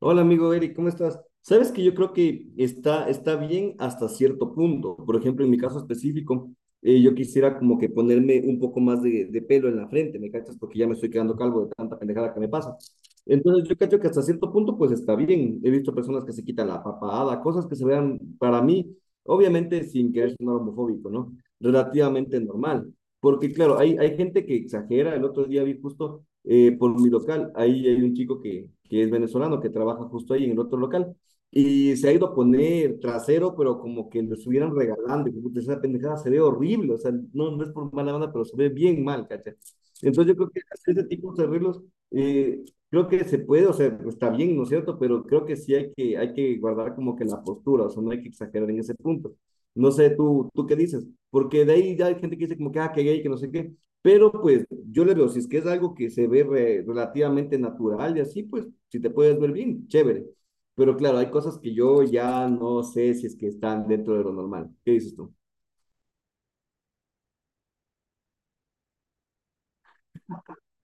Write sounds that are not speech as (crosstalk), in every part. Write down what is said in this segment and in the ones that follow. Hola amigo Eric, ¿cómo estás? Sabes que yo creo que está bien hasta cierto punto. Por ejemplo, en mi caso específico, yo quisiera como que ponerme un poco más de pelo en la frente, ¿me cachas? Porque ya me estoy quedando calvo de tanta pendejada que me pasa. Entonces yo cacho que hasta cierto punto pues está bien. He visto personas que se quitan la papada, cosas que se vean para mí, obviamente sin querer sonar homofóbico, ¿no? Relativamente normal. Porque claro, hay gente que exagera. El otro día vi justo por mi local. Ahí hay un chico que es venezolano, que trabaja justo ahí en el otro local. Y se ha ido a poner trasero, pero como que lo estuvieran regalando. Y como, puta, esa pendejada se ve horrible, o sea, no es por mala banda, pero se ve bien mal, ¿cachai? Entonces yo creo que hacer ese tipo de arreglos, eh, creo que se puede, o sea, está bien, ¿no es cierto? Pero creo que sí hay que guardar como que la postura, o sea, no hay que exagerar en ese punto. No sé, tú qué dices, porque de ahí ya hay gente que dice como que, ah, que gay, que no sé qué, pero pues yo le veo, si es que es algo que se ve relativamente natural y así, pues si te puedes ver bien, chévere. Pero claro, hay cosas que yo ya no sé si es que están dentro de lo normal. ¿Qué dices tú?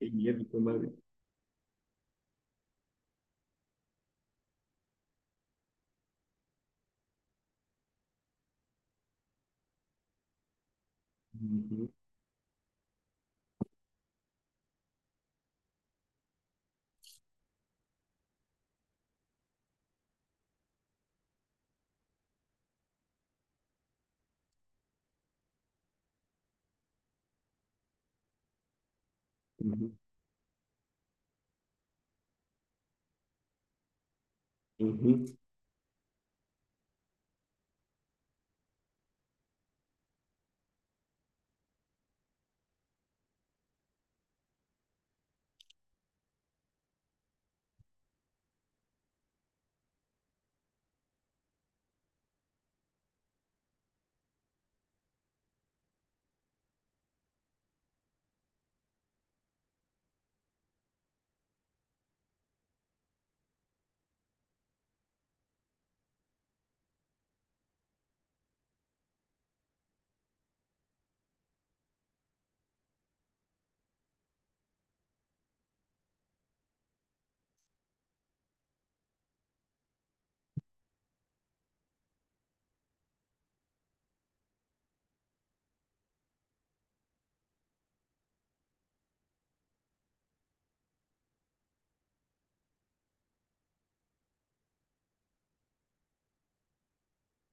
Qué mierda, madre. Ujú, ujú. Ujú.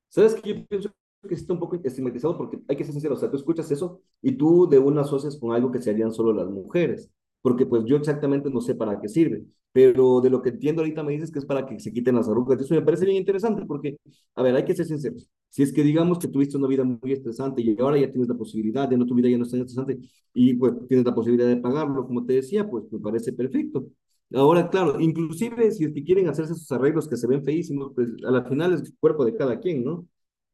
¿Sabes que yo pienso que sí está un poco estigmatizado? Porque hay que ser sincero, o sea, tú escuchas eso y tú de una asocias con algo que se harían solo las mujeres, porque pues yo exactamente no sé para qué sirve, pero de lo que entiendo ahorita me dices que es para que se quiten las arrugas, eso me parece bien interesante porque, a ver, hay que ser sinceros, si es que digamos que tuviste una vida muy estresante y ahora ya tienes la posibilidad, ya no tu vida ya no es tan estresante y pues tienes la posibilidad de pagarlo, como te decía, pues me parece perfecto. Ahora, claro, inclusive si es que quieren hacerse sus arreglos que se ven feísimos, pues a la final es el cuerpo de cada quien, ¿no?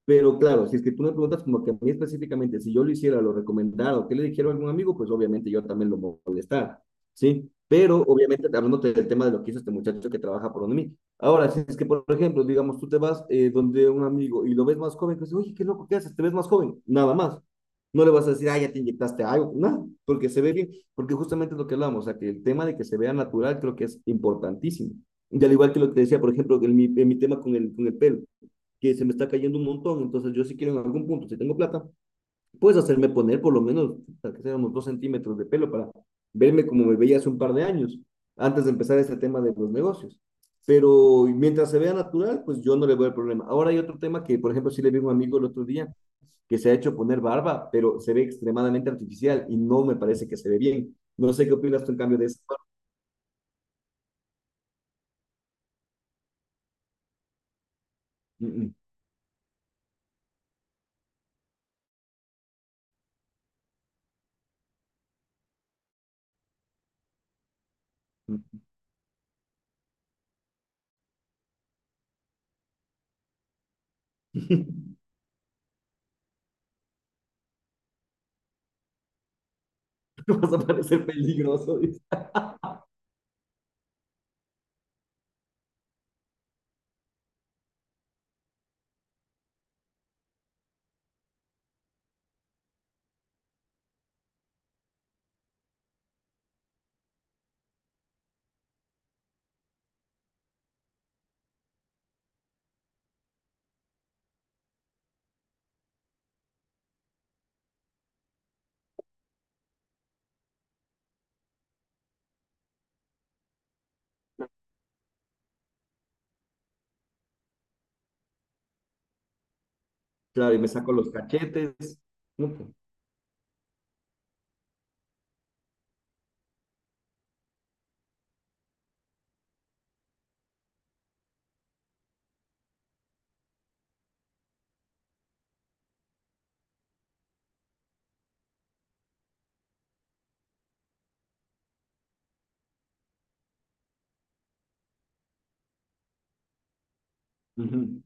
Pero claro, si es que tú me preguntas como que a mí específicamente, si yo lo hiciera, lo recomendara o que le dijera a algún amigo, pues obviamente yo también lo molestara, ¿sí? Pero obviamente hablando del tema de lo que hizo este muchacho que trabaja por donde mí. Ahora, si es que, por ejemplo, digamos, tú te vas donde un amigo y lo ves más joven, que dice, oye, qué loco, ¿qué haces? ¿Te ves más joven? Nada más. No le vas a decir, ah, ya te inyectaste algo, nada, porque se ve bien, porque justamente es lo que hablamos, o sea, que el tema de que se vea natural creo que es importantísimo. Y al igual que lo que te decía, por ejemplo, en mi tema con con el pelo, que se me está cayendo un montón, entonces yo si quiero en algún punto, si tengo plata, puedes hacerme poner por lo menos, para que seamos 2 centímetros de pelo para verme como me veía hace un par de años, antes de empezar este tema de los negocios. Pero mientras se vea natural, pues yo no le veo el problema. Ahora hay otro tema que, por ejemplo, sí le vi a un amigo el otro día, que se ha hecho poner barba, pero se ve extremadamente artificial y no me parece que se ve bien. No sé qué opinas tú en cambio de eso. Mm, mm, mm. (laughs) Vas a parecer peligroso. Dice. Claro, y me saco los cachetes. No, pues. Ujú.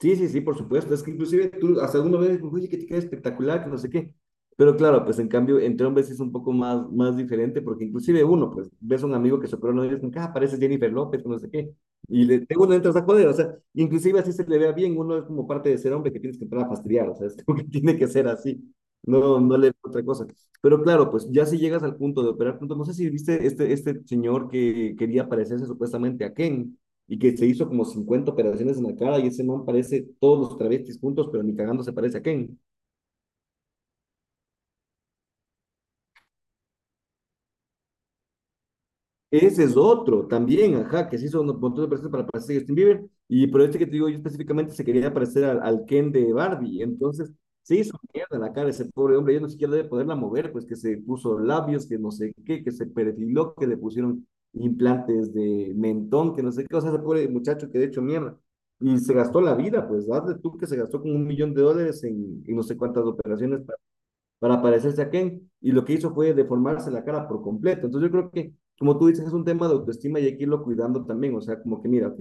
Sí, sí, sí, por supuesto. Es que inclusive tú hasta uno ve, oye, que te queda espectacular, que no sé qué. Pero claro, pues en cambio, entre hombres es un poco más, más diferente, porque inclusive uno, pues, ves a un amigo que se operó, no dices, ah, pareces Jennifer López, que no sé qué. Y le, de uno entras a joder, o sea, inclusive así se le vea bien, uno es como parte de ser hombre que tienes que entrar a fastidiar, o sea, es como que (laughs) tiene que ser así. No, no le veo otra cosa. Pero claro, pues ya si llegas al punto de operar, pronto, no sé si viste este señor que quería parecerse supuestamente a Ken y que se hizo como 50 operaciones en la cara y ese man parece todos los travestis juntos, pero ni cagando se parece a Ken. Ese es otro también, ajá, que se hizo un montón de personas para parecer a Justin Bieber, y por este que te digo yo específicamente se quería parecer al Ken de Barbie, entonces se hizo mierda la cara ese pobre hombre, ya no siquiera debe poderla mover, pues que se puso labios, que no sé qué, que se perfiló, que le pusieron implantes de mentón, que no sé qué, o sea, ese pobre muchacho que de hecho mierda, y se gastó la vida, pues hazle tú que se gastó como un millón de dólares en no sé cuántas operaciones para parecerse a Ken, y lo que hizo fue deformarse la cara por completo. Entonces yo creo que, como tú dices, es un tema de autoestima y hay que irlo cuidando también, o sea, como que mira, ok,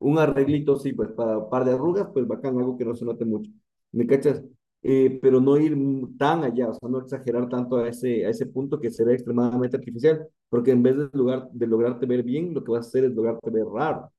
un arreglito, sí, pues para un par de arrugas, pues bacán, algo que no se note mucho, ¿me cachas? Pero no ir tan allá, o sea, no exagerar tanto a ese punto que se ve extremadamente artificial, porque en vez de, lugar, de lograrte ver bien, lo que vas a hacer es lograrte ver raro.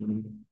Mm-hmm.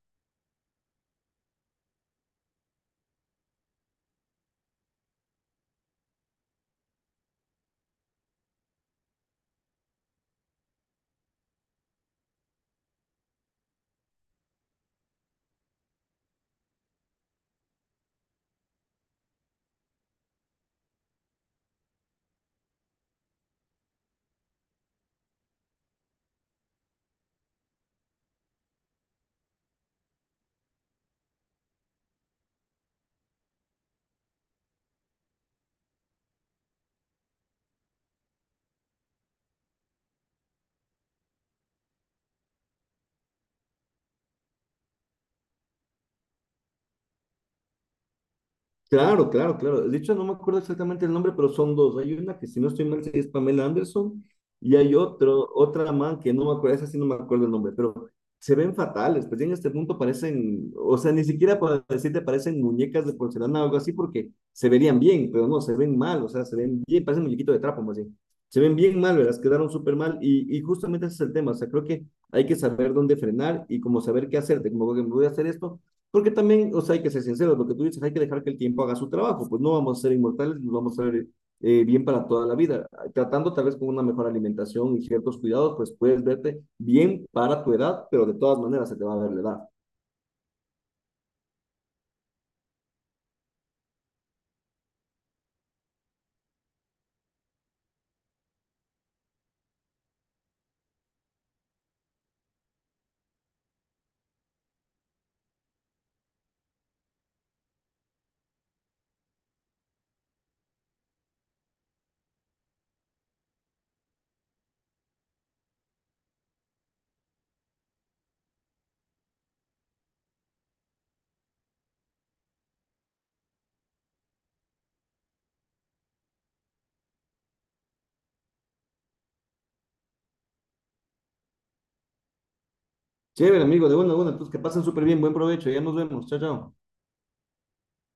Claro, claro, claro. De hecho, no me acuerdo exactamente el nombre, pero son dos. Hay una que, si no estoy mal, sí es Pamela Anderson, y hay otra man que no me acuerdo, esa sí no me acuerdo el nombre, pero se ven fatales. Pues ya en este punto parecen, o sea, ni siquiera para decirte parecen muñecas de porcelana o algo así, porque se verían bien, pero no, se ven mal, o sea, se ven bien, parecen muñequito de trapo más bien. Se ven bien mal, ¿verdad? Quedaron súper mal, y justamente ese es el tema. O sea, creo que hay que saber dónde frenar y como saber qué hacerte, como que me voy a hacer esto. Porque también, o sea, hay que ser sinceros, lo que tú dices, hay que dejar que el tiempo haga su trabajo, pues no vamos a ser inmortales, nos vamos a ver bien para toda la vida. Tratando tal vez con una mejor alimentación y ciertos cuidados, pues puedes verte bien para tu edad, pero de todas maneras se te va a ver la edad. Chévere, amigo, de una a una, entonces que pasen súper bien, buen provecho, ya nos vemos, chao, chao.